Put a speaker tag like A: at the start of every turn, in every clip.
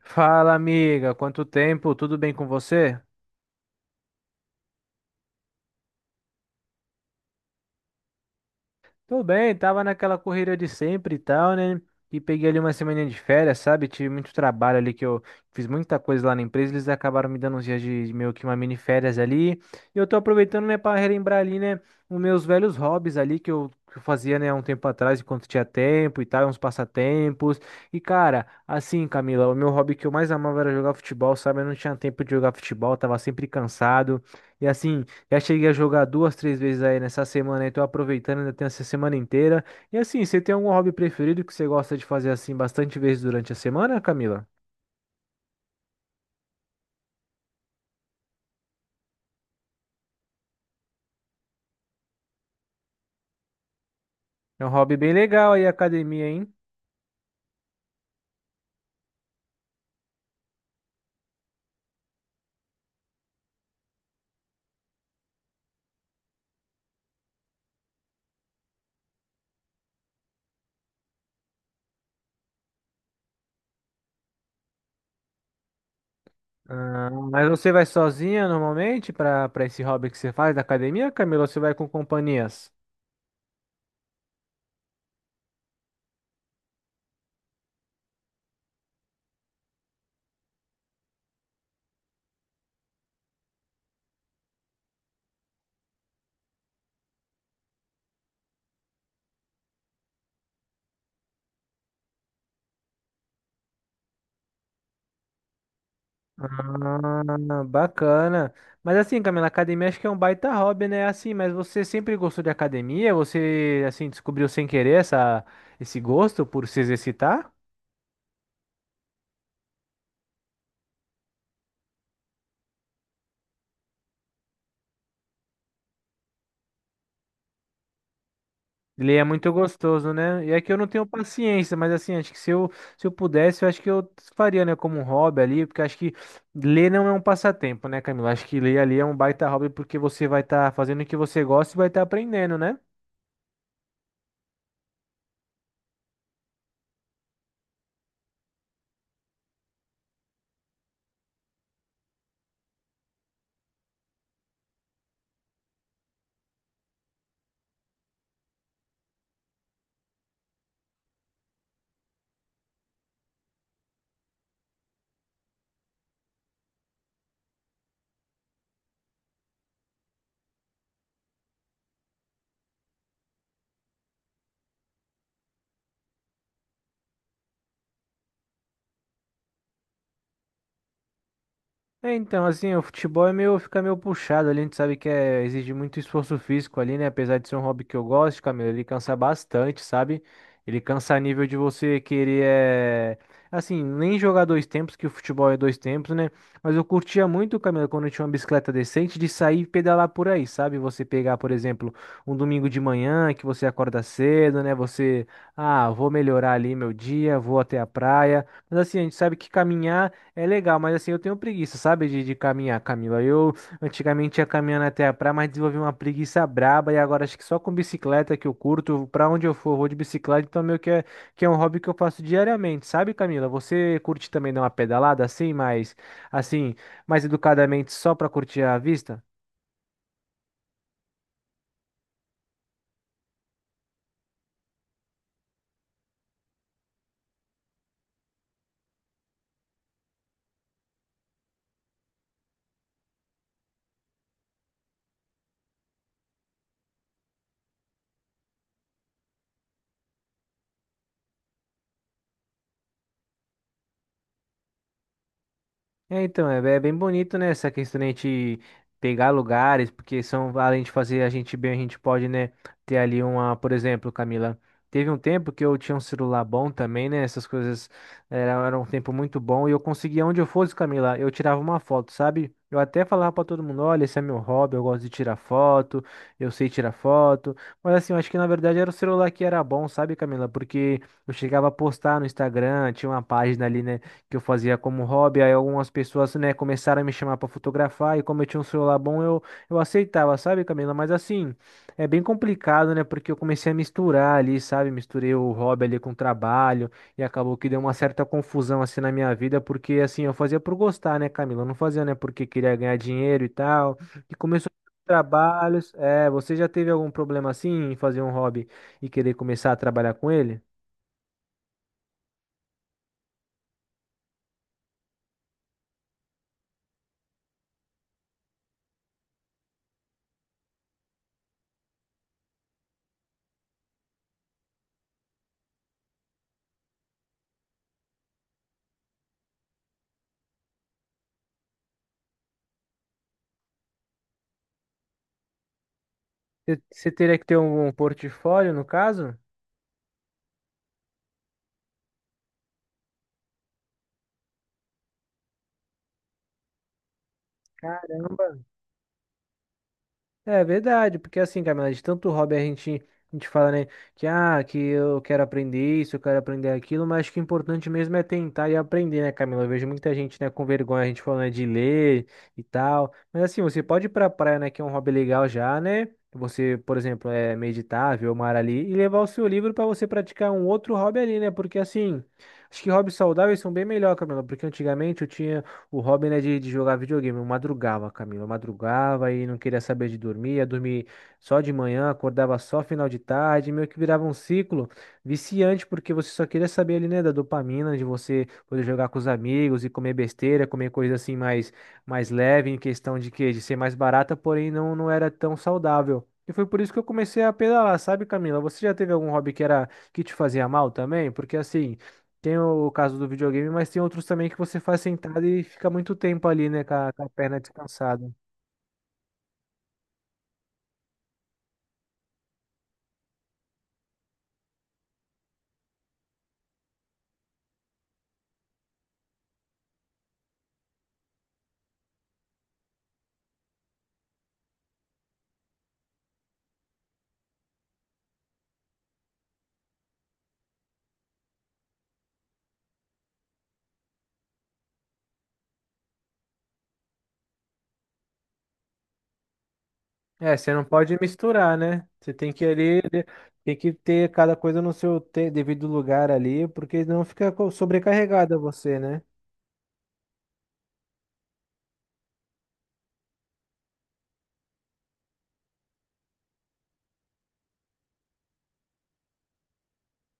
A: Fala, amiga, quanto tempo? Tudo bem com você? Tudo bem, tava naquela correria de sempre e tal, né? E peguei ali uma semana de férias, sabe? Tive muito trabalho ali que eu fiz muita coisa lá na empresa, eles acabaram me dando uns dias de meio que uma mini férias ali. E eu tô aproveitando, né, para relembrar ali, né, os meus velhos hobbies ali que eu fazia, né, há um tempo atrás, enquanto tinha tempo e tal, uns passatempos. E cara, assim, Camila, o meu hobby que eu mais amava era jogar futebol, sabe? Eu não tinha tempo de jogar futebol, tava sempre cansado. E assim, já cheguei a jogar duas, três vezes aí nessa semana, aí tô aproveitando, ainda tenho essa semana inteira. E assim, você tem algum hobby preferido que você gosta de fazer assim bastante vezes durante a semana, Camila? É um hobby bem legal aí, academia, hein? Ah, mas você vai sozinha normalmente para esse hobby que você faz da academia, Camila, ou você vai com companhias? Ah, bacana. Mas assim, Camila, academia acho que é um baita hobby, né? Assim, mas você sempre gostou de academia? Você, assim, descobriu sem querer essa, esse gosto por se exercitar? Ele é muito gostoso, né? E é que eu não tenho paciência, mas assim, acho que se eu pudesse, eu acho que eu faria, né, como um hobby ali, porque acho que ler não é um passatempo, né, Camila? Acho que ler ali é um baita hobby porque você vai estar fazendo o que você gosta e vai estar aprendendo, né? É, então, assim, o futebol é meio, fica meio puxado ali, a gente sabe que é, exige muito esforço físico ali, né? Apesar de ser um hobby que eu gosto, Camilo, ele cansa bastante, sabe? Ele cansa a nível de você querer, assim, nem jogar dois tempos, que o futebol é dois tempos, né? Mas eu curtia muito, Camilo, quando eu tinha uma bicicleta decente, de sair e pedalar por aí, sabe? Você pegar, por exemplo, um domingo de manhã, que você acorda cedo, né? Você, ah, vou melhorar ali meu dia, vou até a praia. Mas assim, a gente sabe que caminhar é legal, mas assim, eu tenho preguiça, sabe, de caminhar, Camila. Eu antigamente ia caminhando até a praia, mas desenvolvi uma preguiça braba e agora acho que só com bicicleta que eu curto, pra onde eu for, eu vou de bicicleta, então meio que é um hobby que eu faço diariamente, sabe, Camila? Você curte também dar uma pedalada assim, assim, mais educadamente só pra curtir a vista? É, então, é, é bem bonito, né, essa questão de a gente pegar lugares, porque são, além de fazer a gente bem, a gente pode, né, ter ali uma, por exemplo, Camila, teve um tempo que eu tinha um celular bom também, né, essas coisas era um tempo muito bom, e eu conseguia, onde eu fosse, Camila, eu tirava uma foto, sabe? Eu até falava pra todo mundo, olha, esse é meu hobby, eu gosto de tirar foto, eu sei tirar foto, mas assim, eu acho que na verdade era o celular que era bom, sabe, Camila? Porque eu chegava a postar no Instagram, tinha uma página ali, né, que eu fazia como hobby, aí algumas pessoas, né, começaram a me chamar para fotografar e como eu tinha um celular bom, eu aceitava, sabe, Camila? Mas assim, é bem complicado, né, porque eu comecei a misturar ali, sabe? Misturei o hobby ali com o trabalho e acabou que deu uma certa confusão assim na minha vida, porque assim, eu fazia por gostar, né, Camila? Eu não fazia, né, porque queria ganhar dinheiro e tal. E começou trabalhos. É, você já teve algum problema assim em fazer um hobby e querer começar a trabalhar com ele? Você teria que ter um portfólio, no caso? Caramba. É verdade, porque assim, Camila, de tanto hobby a gente fala, né, que ah, que eu quero aprender isso, eu quero aprender aquilo, mas acho que o importante mesmo é tentar e aprender, né, Camila? Eu vejo muita gente, né, com vergonha, a gente falando, né, de ler e tal. Mas assim, você pode ir pra praia, né, que é um hobby legal já, né? Você, por exemplo, é meditar, ver o mar ali e levar o seu livro para você praticar um outro hobby ali, né? Porque assim, acho que hobbies saudáveis são bem melhor, Camila, porque antigamente eu tinha o hobby né de jogar videogame. Eu madrugava, Camila. Eu madrugava e não queria saber de dormir. Ia dormir só de manhã, acordava só final de tarde. Meio que virava um ciclo viciante, porque você só queria saber ali, né, da dopamina, de você poder jogar com os amigos e comer besteira, comer coisa assim mais, mais leve, em questão de que de ser mais barata, porém não era tão saudável. E foi por isso que eu comecei a pedalar, sabe, Camila? Você já teve algum hobby que te fazia mal também? Porque assim. Tem o caso do videogame, mas tem outros também que você faz sentado e fica muito tempo ali, né, com a perna descansada. É, você não pode misturar, né? Você tem que ali, de- tem que ter cada coisa no seu te- devido lugar ali, porque não fica co- sobrecarregada você, né?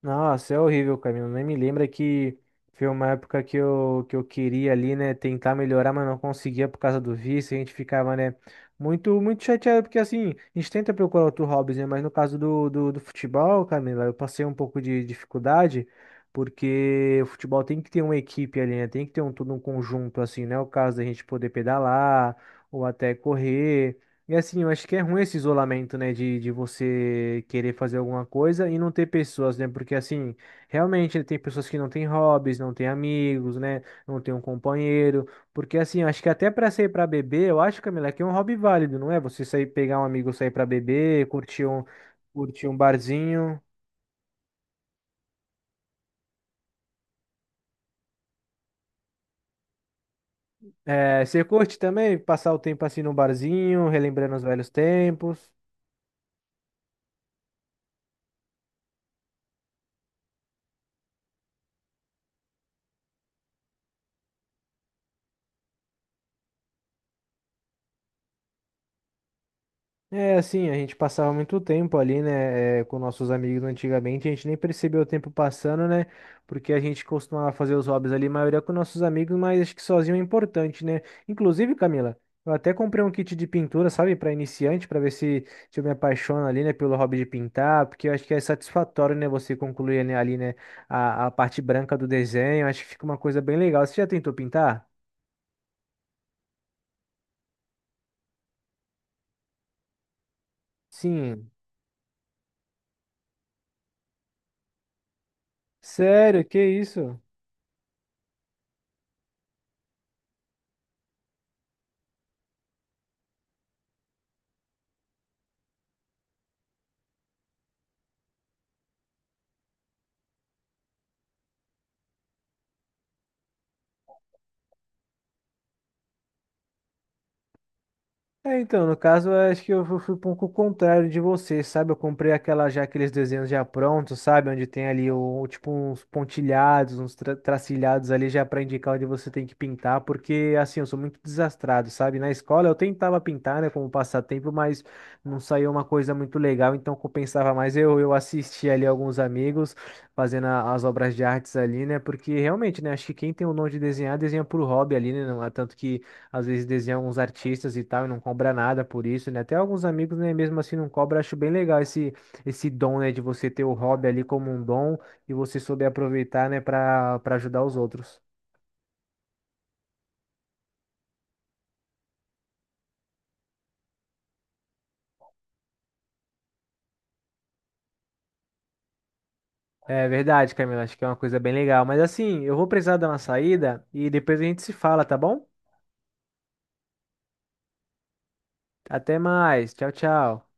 A: Nossa, é horrível, Camilo. Nem me lembra que foi uma época que eu queria ali, né, tentar melhorar, mas não conseguia por causa do vício. A gente ficava, né, muito, muito chateado, porque assim, a gente tenta procurar outro hobbies, né, mas no caso do futebol, Camila, eu passei um pouco de dificuldade, porque o futebol tem que ter uma equipe ali, né, tem que ter um, todo um conjunto, assim, né, o caso da gente poder pedalar ou até correr. E assim, eu acho que é ruim esse isolamento, né, de você querer fazer alguma coisa e não ter pessoas, né, porque assim, realmente tem pessoas que não têm hobbies, não têm amigos, né, não tem um companheiro, porque assim, eu acho que até pra sair pra beber, eu acho, Camila, que é um hobby válido, não é? Você sair, pegar um amigo, sair pra beber, curtir um barzinho. É, você curte também passar o tempo assim no barzinho, relembrando os velhos tempos? É, assim, a gente passava muito tempo ali, né, é, com nossos amigos antigamente, a gente nem percebeu o tempo passando, né, porque a gente costumava fazer os hobbies ali, maioria com nossos amigos, mas acho que sozinho é importante, né. Inclusive, Camila, eu até comprei um kit de pintura, sabe, para iniciante, para ver se eu me apaixono ali, né, pelo hobby de pintar, porque eu acho que é satisfatório, né, você concluir né, ali, né, a parte branca do desenho, acho que fica uma coisa bem legal. Você já tentou pintar? Sim. Sério, que isso? É, então, no caso, eu acho que eu fui um pouco contrário de você, sabe? Eu comprei aquela já aqueles desenhos já prontos, sabe? Onde tem ali o tipo uns pontilhados, uns tracilhados ali já para indicar onde você tem que pintar, porque assim, eu sou muito desastrado, sabe? Na escola eu tentava pintar, né, como passatempo, mas não saiu uma coisa muito legal, então compensava mais eu assistia ali alguns amigos fazendo as obras de artes ali, né? Porque realmente, né, acho que quem tem o dom de desenhar, desenha por hobby ali, né? Não é tanto que às vezes desenha alguns artistas e tal, e não cobra nada por isso, né? Até alguns amigos, né, mesmo assim não cobra, acho bem legal esse, esse dom, né, de você ter o hobby ali como um dom e você souber aproveitar, né, para ajudar os outros. É verdade, Camila, acho que é uma coisa bem legal. Mas assim, eu vou precisar dar uma saída e depois a gente se fala, tá bom? Até mais, tchau, tchau.